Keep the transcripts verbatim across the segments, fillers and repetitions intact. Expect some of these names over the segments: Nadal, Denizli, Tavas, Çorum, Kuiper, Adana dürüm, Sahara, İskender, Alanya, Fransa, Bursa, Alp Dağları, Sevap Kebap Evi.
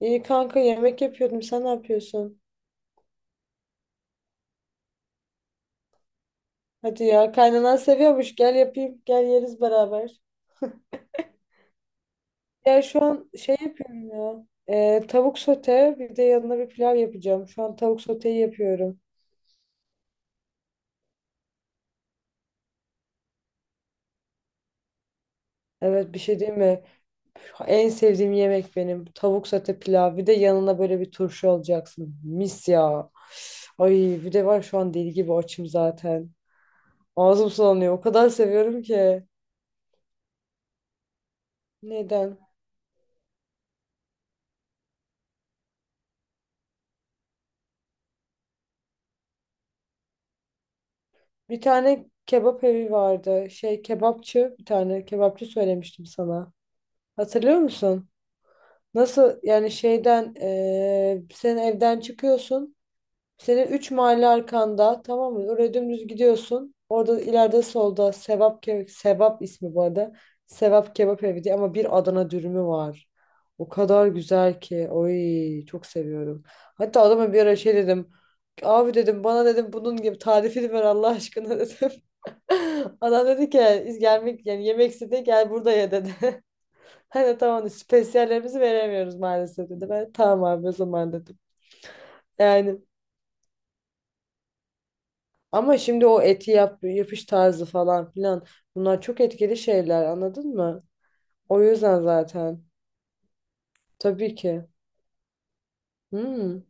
İyi kanka yemek yapıyordum. Sen ne yapıyorsun? Hadi ya, kaynanan seviyormuş. Gel yapayım. Gel yeriz beraber. Ya şu an şey yapıyorum ya. E, tavuk sote, bir de yanına bir pilav yapacağım. Şu an tavuk soteyi yapıyorum. Evet, bir şey değil mi? En sevdiğim yemek benim. Tavuk sote pilav. Bir de yanına böyle bir turşu olacaksın. Mis ya. Ay, bir de var şu an deli gibi açım zaten. Ağzım sulanıyor. O kadar seviyorum ki. Neden? Bir tane kebap evi vardı. Şey kebapçı, bir tane kebapçı söylemiştim sana. Hatırlıyor musun? Nasıl yani, şeyden eee sen evden çıkıyorsun. Senin üç mahalle arkanda, tamam mı? Oraya dümdüz gidiyorsun. Orada ileride solda Sevap Ke- Sevap ismi bu arada. Sevap Kebap Evi diye, ama bir Adana dürümü var. O kadar güzel ki. Oy, çok seviyorum. Hatta adama bir ara şey dedim. Abi dedim, bana dedim bunun gibi tarifini ver Allah aşkına dedim. Adam dedi ki "Biz gelmek yani yemek istedi gel burada ye" dedi. Hani tamam dedi, spesiyallerimizi veremiyoruz maalesef dedi. Ben tamam abi o zaman dedim. Yani ama şimdi o eti yap, yapış tarzı falan filan, bunlar çok etkili şeyler, anladın mı? O yüzden zaten. Tabii ki. Hmm.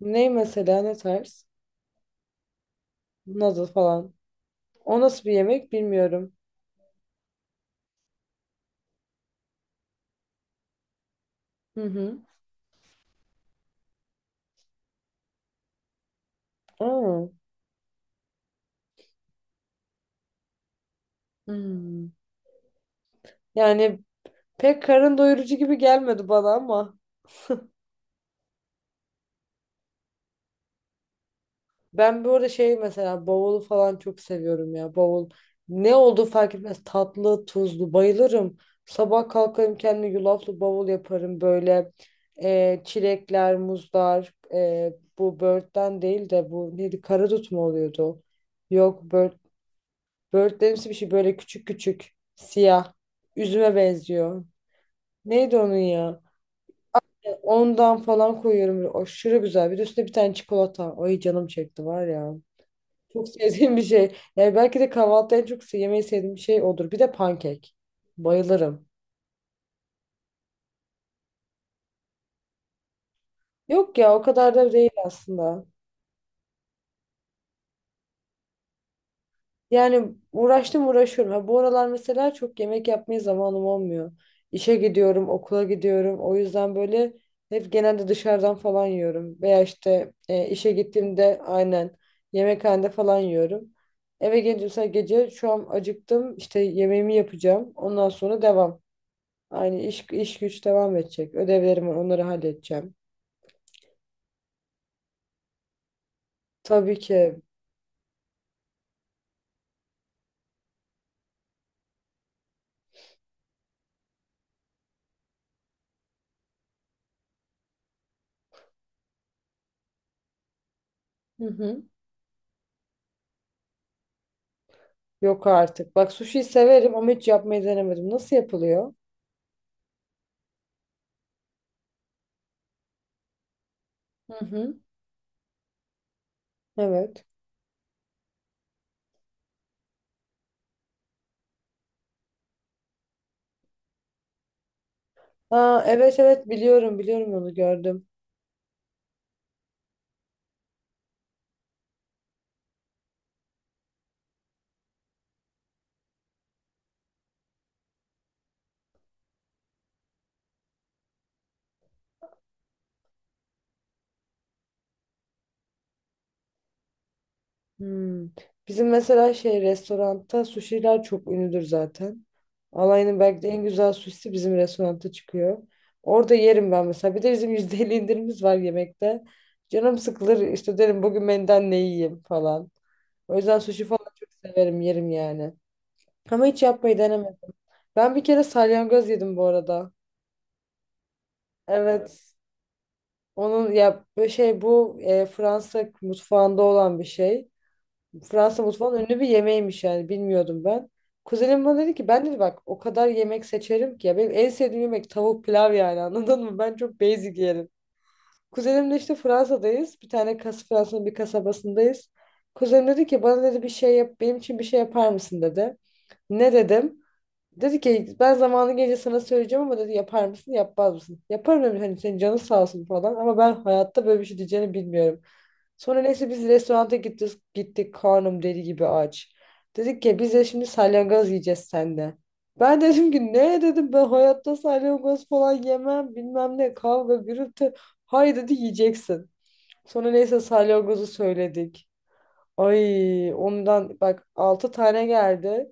Ney mesela, ne tarz? Nasıl falan. O nasıl bir yemek bilmiyorum. Hı hı. Aa. Hmm. Yani pek karın doyurucu gibi gelmedi bana ama. Ben böyle şey mesela, bavulu falan çok seviyorum ya. Bavul ne olduğu fark etmez. Tatlı, tuzlu bayılırım. Sabah kalkarım, kendime yulaflı bavul yaparım böyle. E, çilekler, muzlar, e, bu börtten değil de, bu neydi? Karadut mu oluyordu? Yok, bört, börtlerimsi bir şey, böyle küçük küçük, siyah. Üzüme benziyor. Neydi onun ya? Ondan falan koyuyorum. Böyle aşırı güzel. Bir de üstüne bir tane çikolata. Ay, canım çekti var ya. Çok sevdiğim bir şey. Yani belki de kahvaltıda en çok yemeyi sevdiğim bir şey odur. Bir de pankek. Bayılırım. Yok ya, o kadar da değil aslında. Yani uğraştım, uğraşıyorum. Ha, bu aralar mesela çok yemek yapmaya zamanım olmuyor. İşe gidiyorum, okula gidiyorum. O yüzden böyle hep genelde dışarıdan falan yiyorum. Veya işte e, işe gittiğimde aynen yemekhanede falan yiyorum. Eve gelince mesela gece, şu an acıktım. İşte yemeğimi yapacağım. Ondan sonra devam. Aynı iş, iş güç devam edecek. Ödevlerim var, onları halledeceğim. Tabii ki. Hı hı. Yok artık. Bak, sushi severim ama hiç yapmayı denemedim. Nasıl yapılıyor? Hı hı. Evet. Aa, evet evet, biliyorum biliyorum, onu gördüm. Hmm. Bizim mesela şey restoranda suşiler çok ünlüdür zaten. Alanya'nın belki de en güzel suşisi bizim restoranda çıkıyor. Orada yerim ben mesela. Bir de bizim yüzde elli indirimimiz var yemekte. Canım sıkılır, işte derim bugün menüden ne yiyeyim falan. O yüzden suşi falan çok severim, yerim yani. Ama hiç yapmayı denemedim. Ben bir kere salyangoz yedim bu arada. Evet. Onun ya böyle şey, bu e, Fransa mutfağında olan bir şey. Fransa mutfağının ünlü bir yemeğiymiş yani, bilmiyordum ben. Kuzenim bana dedi ki, ben dedi bak o kadar yemek seçerim ki ya, benim en sevdiğim yemek tavuk pilav yani, anladın mı? Ben çok basic yerim. Kuzenimle işte Fransa'dayız. Bir tane kas Fransa'nın bir kasabasındayız. Kuzenim dedi ki bana, dedi bir şey yap benim için, bir şey yapar mısın dedi. Ne dedim? Dedi ki ben zamanı gelince sana söyleyeceğim ama, dedi yapar mısın yapmaz mısın? Yaparım dedim, hani senin canın sağ olsun falan, ama ben hayatta böyle bir şey diyeceğini bilmiyorum. Sonra neyse biz restoranta gittik, gittik karnım deli gibi aç. Dedik ki biz de şimdi salyangoz yiyeceğiz sende. Ben dedim ki ne dedim, ben hayatta salyangoz falan yemem bilmem ne, kavga gürültü. Hayır dedi, yiyeceksin. Sonra neyse salyangozu söyledik. Ay, ondan bak altı tane geldi.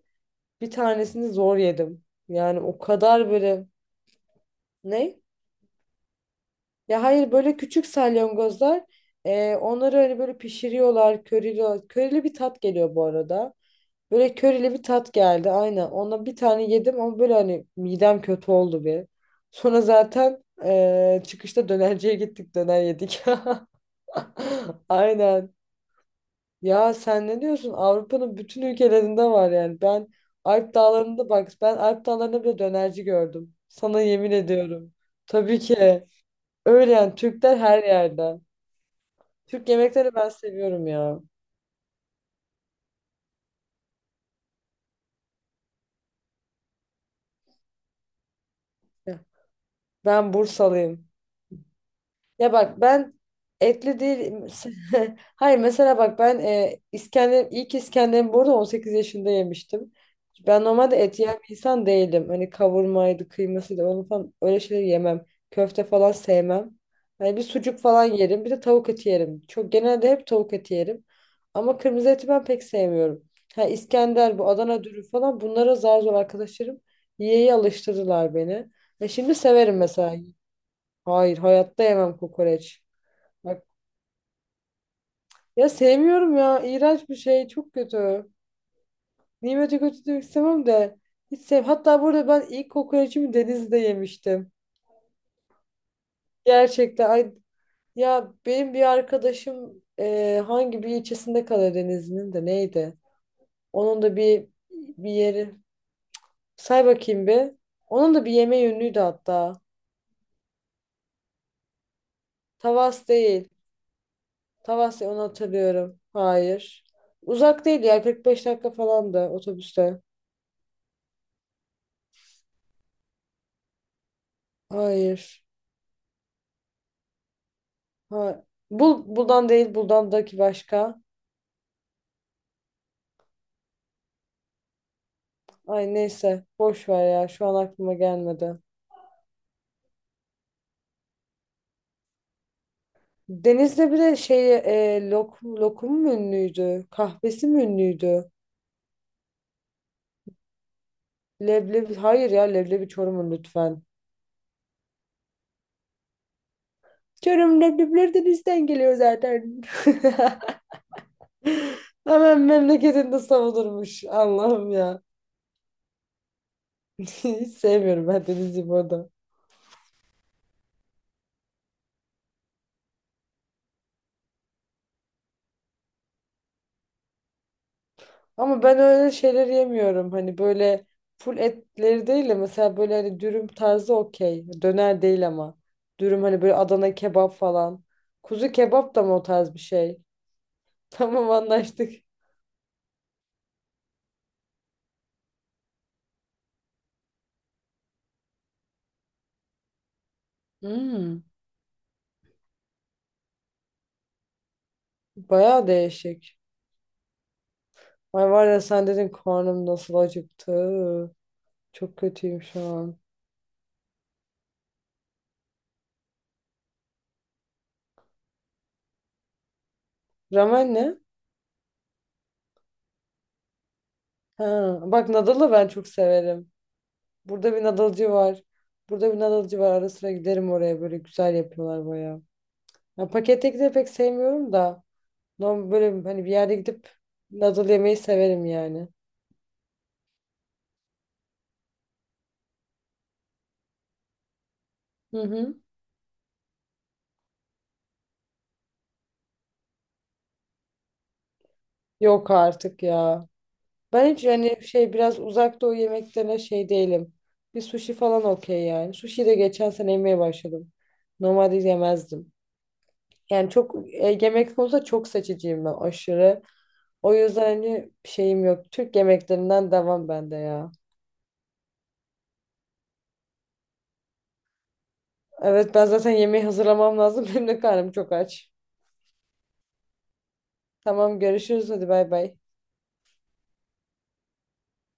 Bir tanesini zor yedim. Yani o kadar böyle ne? Ya hayır, böyle küçük salyangozlar, e, onları hani böyle pişiriyorlar, körili körili bir tat geliyor bu arada. Böyle körili bir tat geldi aynen. Ona bir tane yedim ama böyle hani midem kötü oldu bir. Sonra zaten e, çıkışta dönerciye gittik, döner yedik. Aynen. Ya sen ne diyorsun? Avrupa'nın bütün ülkelerinde var yani. Ben Alp Dağları'nda, bak ben Alp Dağları'nda bile dönerci gördüm. Sana yemin ediyorum. Tabii ki. Öyle yani, Türkler her yerde. Türk yemekleri ben seviyorum ya. Ben Bursalıyım. Ya bak ben etli değil. Hayır mesela bak ben e, İskender, ilk İskender'imi burada on sekiz yaşında yemiştim. Ben normalde et yiyen bir insan değilim. Hani kavurmaydı, kıymasıydı, onu falan öyle şeyleri yemem. Köfte falan sevmem. Hani bir sucuk falan yerim, bir de tavuk eti yerim. Çok, genelde hep tavuk eti yerim. Ama kırmızı eti ben pek sevmiyorum. Ha, İskender, bu Adana dürüm falan, bunlara zar zor arkadaşlarım yiyeyi alıştırdılar beni. Ve şimdi severim mesela. Hayır, hayatta yemem kokoreç. Bak, ya sevmiyorum ya. İğrenç bir şey. Çok kötü. Nimeti kötü demek istemem de. Hiç sev. Hatta burada ben ilk kokoreçimi denizde yemiştim. Gerçekten. Ay, ya benim bir arkadaşım e, hangi bir ilçesinde kalıyor Denizli'nin de, neydi? Onun da bir bir yeri. Say bakayım bir. Onun da bir yeme yönüydü hatta. Tavas değil. Tavas değil, onu hatırlıyorum. Hayır. Uzak değil ya, kırk beş dakika falan da otobüste. Hayır. Ha. Bul, buldan değil, buldandaki başka. Ay neyse, boş ver ya, şu an aklıma gelmedi. Deniz'de bir de şey, e, lokum, lokum mu ünlüydü? Kahvesi mi ünlüydü? Leblebi, hayır ya, leblebi Çorum'un lütfen. Çorum leblebileri de bizden geliyor zaten. Hemen memleketinde savunurmuş. Allah'ım ya. Hiç sevmiyorum ben Deniz'i burada. Ama ben öyle şeyler yemiyorum. Hani böyle full etleri değil de, mesela böyle hani dürüm tarzı okey. Döner değil ama. Dürüm, hani böyle Adana kebap falan. Kuzu kebap da mı o tarz bir şey? Tamam, anlaştık. Hmm, Bayağı değişik. Ay var ya, sen dedin karnım nasıl acıktı. Çok kötüyüm şu an. Ramen ne? Ha, bak Nadal'ı ben çok severim. Burada bir Nadal'cı var. Burada bir Nadal'cı var. Ara sıra giderim oraya, böyle güzel yapıyorlar bayağı. Ya pakette de pek sevmiyorum da. Normal böyle hani bir yerde gidip noodle yemeyi severim yani. Hı hı. Yok artık ya. Ben hiç yani şey, biraz uzak doğu yemeklerine şey değilim. Bir sushi falan okey yani. Sushi de geçen sene yemeye başladım. Normalde yemezdim. Yani çok e, yemek konusunda çok seçiciyim ben, aşırı. O yüzden hani şeyim yok. Türk yemeklerinden devam bende ya. Evet, ben zaten yemeği hazırlamam lazım. Benim de karnım çok aç. Tamam, görüşürüz, hadi bay bay.